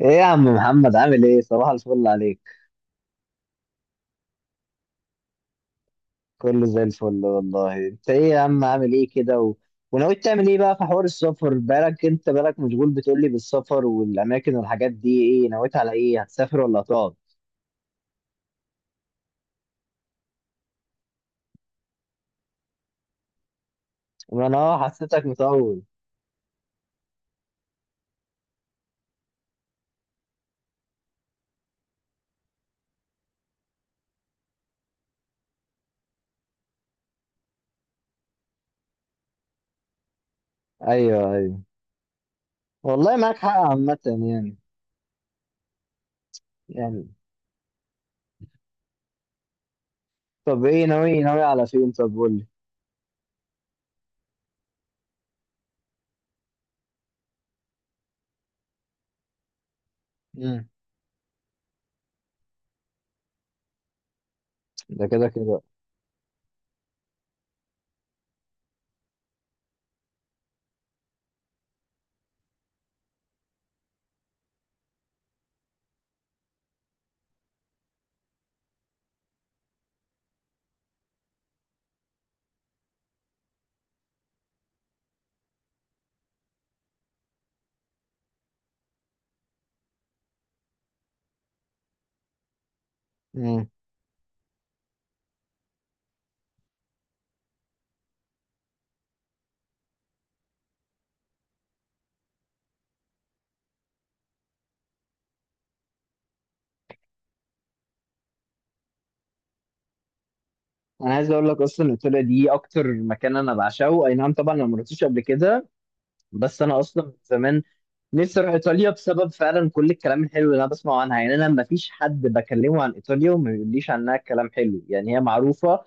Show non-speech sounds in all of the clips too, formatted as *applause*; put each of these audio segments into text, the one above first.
ايه يا عم محمد؟ عامل ايه؟ صباح الفل عليك. كله زي الفل والله. انت ايه يا عم؟ عامل ايه كده وناوي تعمل ايه بقى في حوار السفر؟ بالك، انت بالك مشغول بتقولي بالسفر والاماكن والحاجات دي. ايه نويت على ايه؟ هتسافر ولا هتقعد؟ ما انا حسيتك مطول. ايوه، ايوه، والله معاك حق عامة يعني. يعني طب ايه ناوي؟ ناوي على فين؟ طب قول لي. مم. ده كده كده. مم. انا عايز اقول لك، اصلا ايطاليا دي اكتر مكان انا بعشقه. اي نعم طبعا انا ما رحتش قبل كده، بس انا اصلا من زمان نفسي اروح ايطاليا، بسبب فعلا كل الكلام الحلو اللي انا بسمعه عنها. يعني انا ما فيش حد بكلمه عن ايطاليا وما بيقوليش عنها كلام حلو. يعني هي معروفه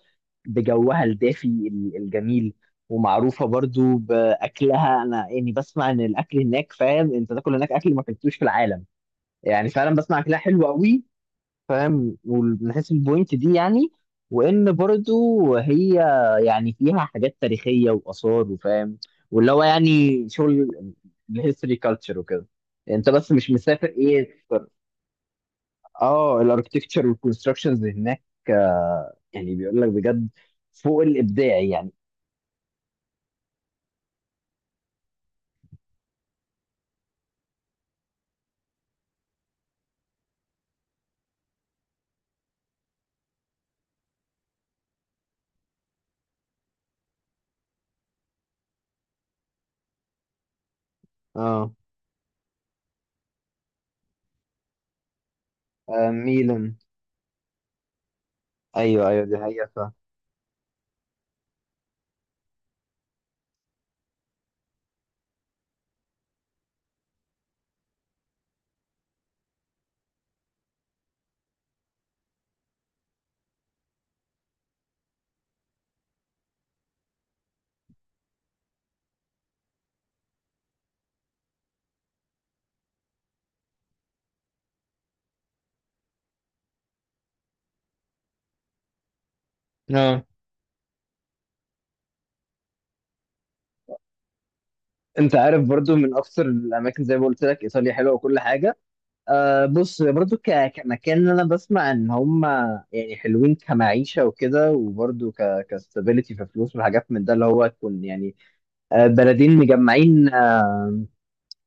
بجوها الدافي الجميل، ومعروفه برضو باكلها. انا يعني بسمع ان الاكل هناك، فاهم، انت تاكل هناك اكل ما اكلتوش في العالم. يعني فعلا بسمع اكلها حلو قوي. فاهم؟ ومن حيث البوينت دي يعني، وان برضو هي يعني فيها حاجات تاريخيه واثار، وفاهم، واللي هو يعني شغل الهيستوري كلتشر وكده. يعني انت بس مش مسافر ايه اه الاركتكتشر والكونستراكشنز هناك. آه، يعني بيقول لك بجد، فوق الابداع يعني. اه. آه، ميلان. ايوه ايوه دي حقيقه فاهم. اه انت عارف برضو من اكثر الاماكن، زي ما قلت لك، ايطاليا حلوه وكل حاجه. أه بص، برضو كمكان انا بسمع ان هم يعني حلوين كمعيشه وكده، وبرضو كستابيليتي في فلوس وحاجات من ده، اللي هو تكون يعني آه، بلدين مجمعين، آه،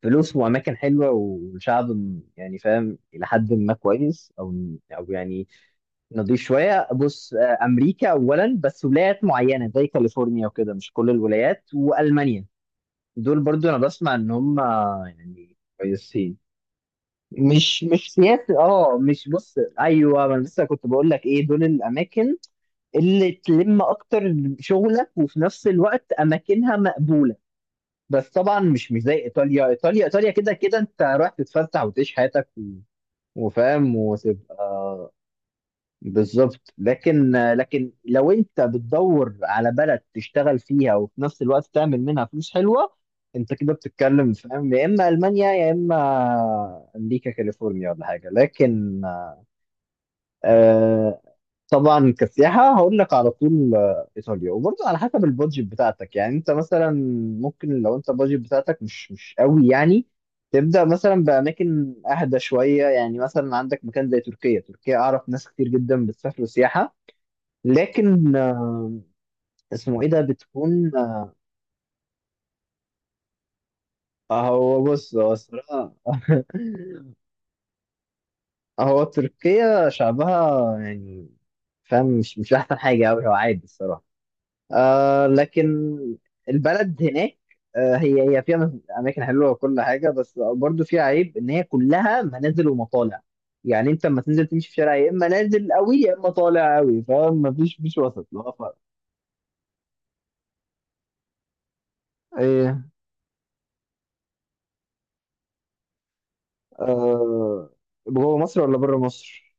فلوس واماكن حلوه والشعب يعني فاهم الى حد ما كويس، او او يعني نضيف شويه. بص آه، امريكا اولا، بس ولايات معينه زي كاليفورنيا وكده، مش كل الولايات، والمانيا. دول برضو انا بسمع ان هم يعني كويسين. مش مش سياسي، اه مش، بص ايوه ما انا لسه كنت بقول لك، ايه، دول الاماكن اللي تلم اكتر شغلك، وفي نفس الوقت اماكنها مقبوله. بس طبعا مش مش زي ايطاليا. ايطاليا ايطاليا كده كده انت رايح تتفسح وتعيش حياتك وفاهم وتبقى بالظبط. لكن لكن لو انت بتدور على بلد تشتغل فيها وفي نفس الوقت تعمل منها فلوس حلوه، انت كده بتتكلم فاهم، يا اما المانيا يا اما امريكا كاليفورنيا، ولا حاجه. لكن آه طبعا كسياحة هقول لك على طول آه، إيطاليا. وبرضه على حسب البادجت بتاعتك يعني. أنت مثلا ممكن لو أنت البادجت بتاعتك مش مش قوي يعني، تبدأ مثلا بأماكن أهدى شوية. يعني مثلا عندك مكان زي تركيا. تركيا أعرف ناس كتير جدا بتسافر سياحة. لكن آه، اسمه إيه ده، بتكون آه، هو بص هو الصراحة *laughs* هو تركيا شعبها يعني، فاهم، مش مش أحسن حاجة أوي، هو عادي الصراحة. آه لكن البلد هناك آه هي هي فيها اماكن حلوه وكل حاجه، بس برضو فيها عيب ان هي كلها منازل ومطالع. يعني انت لما تنزل تمشي في شارع، يا اما نازل قوي يا اما طالع قوي، فما فيش مفيش وسط لا فرق. ايه؟ آه. جوه مصر ولا بره مصر؟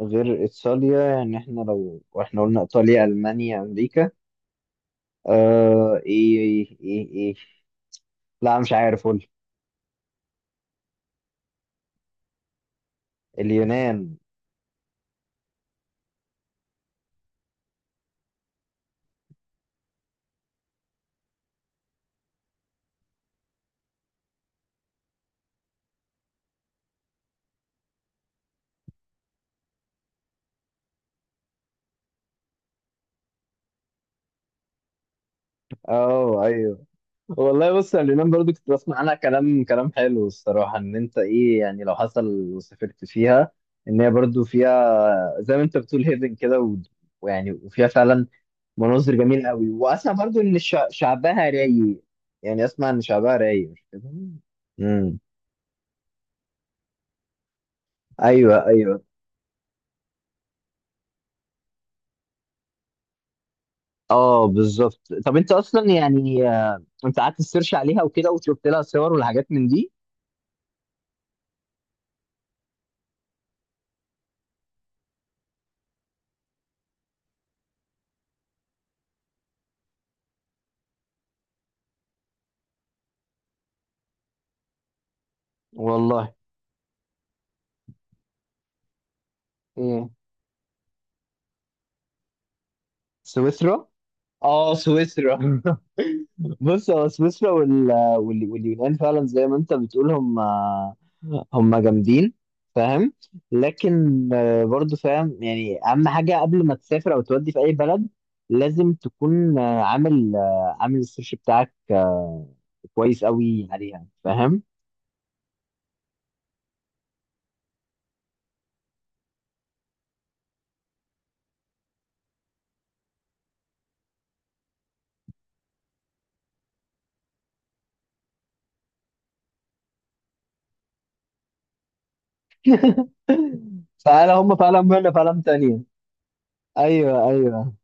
غير ايطاليا يعني، احنا لو احنا قلنا ايطاليا المانيا امريكا. آه ايه ايه ايه, إيه. لا مش عارف، قول. اليونان؟ اه ايوه. والله بص يا، اليونان برضو كنت بسمع عنها كلام كلام حلو الصراحة. ان انت ايه يعني، لو حصل وسافرت فيها، ان هي برضو فيها زي ما انت بتقول هيفن كده ويعني وفيها فعلا مناظر جميلة قوي. واسمع برضو ان شعبها رايق. يعني اسمع ان شعبها رايق مش كده؟ امم. ايوه ايوه. اه بالظبط. طب انت اصلا يعني آه، انت قعدت تسيرش عليها وكده وشفت لها صور والحاجات من دي. والله. ايه؟ سويسرا. اه سويسرا *laughs* بص هو سويسرا واليونان فعلا زي ما انت بتقول هم هم جامدين فاهم. لكن آه، برضو فاهم، يعني اهم حاجه قبل ما تسافر او تودي في اي بلد، لازم تكون آه، عامل آه، عامل السيرش بتاعك آه، كويس قوي عليها فاهم. *laughs* فعلا هم فعلا مهنه فعلا تانية. ايوه ايوه.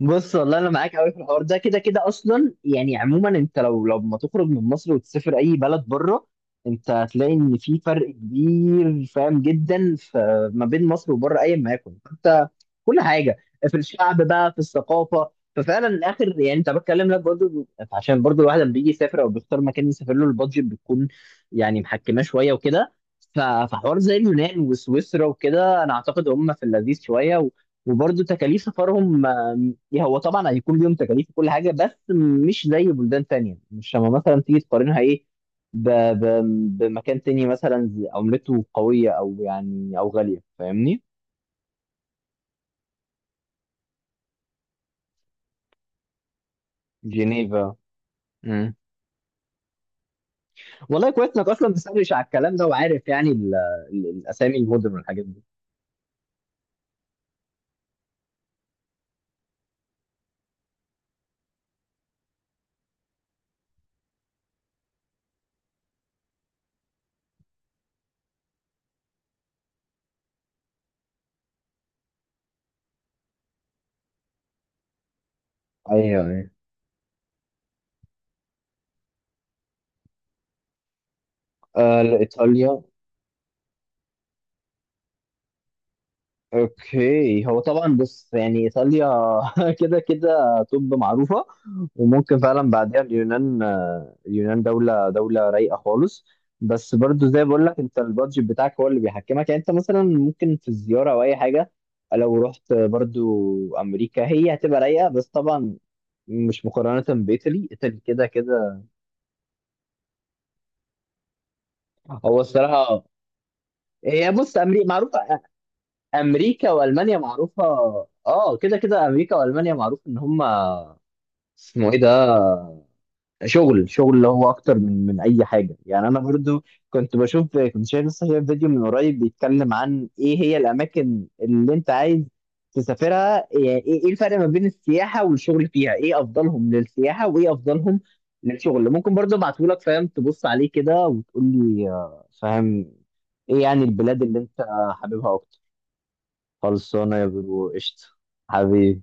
بص والله انا معاك قوي في الحوار ده. كده كده اصلا يعني عموما، انت لو لو ما تخرج من مصر وتسافر اي بلد بره، انت هتلاقي ان في فرق كبير فاهم جدا. ما بين مصر وبره، ايا ما يكن انت، كل حاجه، في الشعب بقى، في الثقافه. ففعلا اخر يعني انت بتكلم لك برضو، عشان برضو الواحد لما بيجي يسافر او بيختار مكان يسافر له، البادجت بتكون يعني محكمه شويه وكده. فحوار زي اليونان وسويسرا وكده انا اعتقد هم في اللذيذ شويه وبرضو تكاليف سفرهم. إيه؟ هو طبعا هيكون ليهم تكاليف وكل حاجه، بس مش زي بلدان تانية، مش لما مثلا تيجي تقارنها ايه ب... ب... بمكان تاني، مثلا عملته قويه، او يعني او غاليه فاهمني. جنيفا. مم. والله كويس انك اصلا بتسرش على الكلام ده، وعارف يعني الاسامي المدن والحاجات دي. ايوه ايوه. آه، ايطاليا. اوكي، هو طبعا بص يعني ايطاليا *laughs* كده كده طب معروفه. وممكن فعلا بعدها اليونان، آه، اليونان دوله دوله رايقه خالص. بس برضو زي بقول لك، انت البادجت بتاعك هو اللي بيحكمك. يعني انت مثلا ممكن في الزياره او اي حاجه، لو رحت برضو امريكا هي هتبقى رايقه. بس طبعا مش مقارنه بايطالي، ايطالي كده كده. هو الصراحه هي بص امريكا معروفه، امريكا والمانيا معروفه. اه كده كده امريكا والمانيا معروف ان هم اسمه ايه ده، شغل شغل اللي هو اكتر من من اي حاجه يعني. انا برضو كنت بشوف، كنت شايف لسه شايف فيديو من قريب بيتكلم عن ايه هي الاماكن اللي انت عايز تسافرها. يعني ايه ايه الفرق ما بين السياحه والشغل فيها، ايه افضلهم للسياحه وايه افضلهم للشغل. ممكن برضو ابعته لك فاهم، تبص عليه كده وتقول لي آه، فاهم، ايه يعني البلاد اللي انت حاببها اكتر. خلصانه يا برو، قشطه. حبيبي.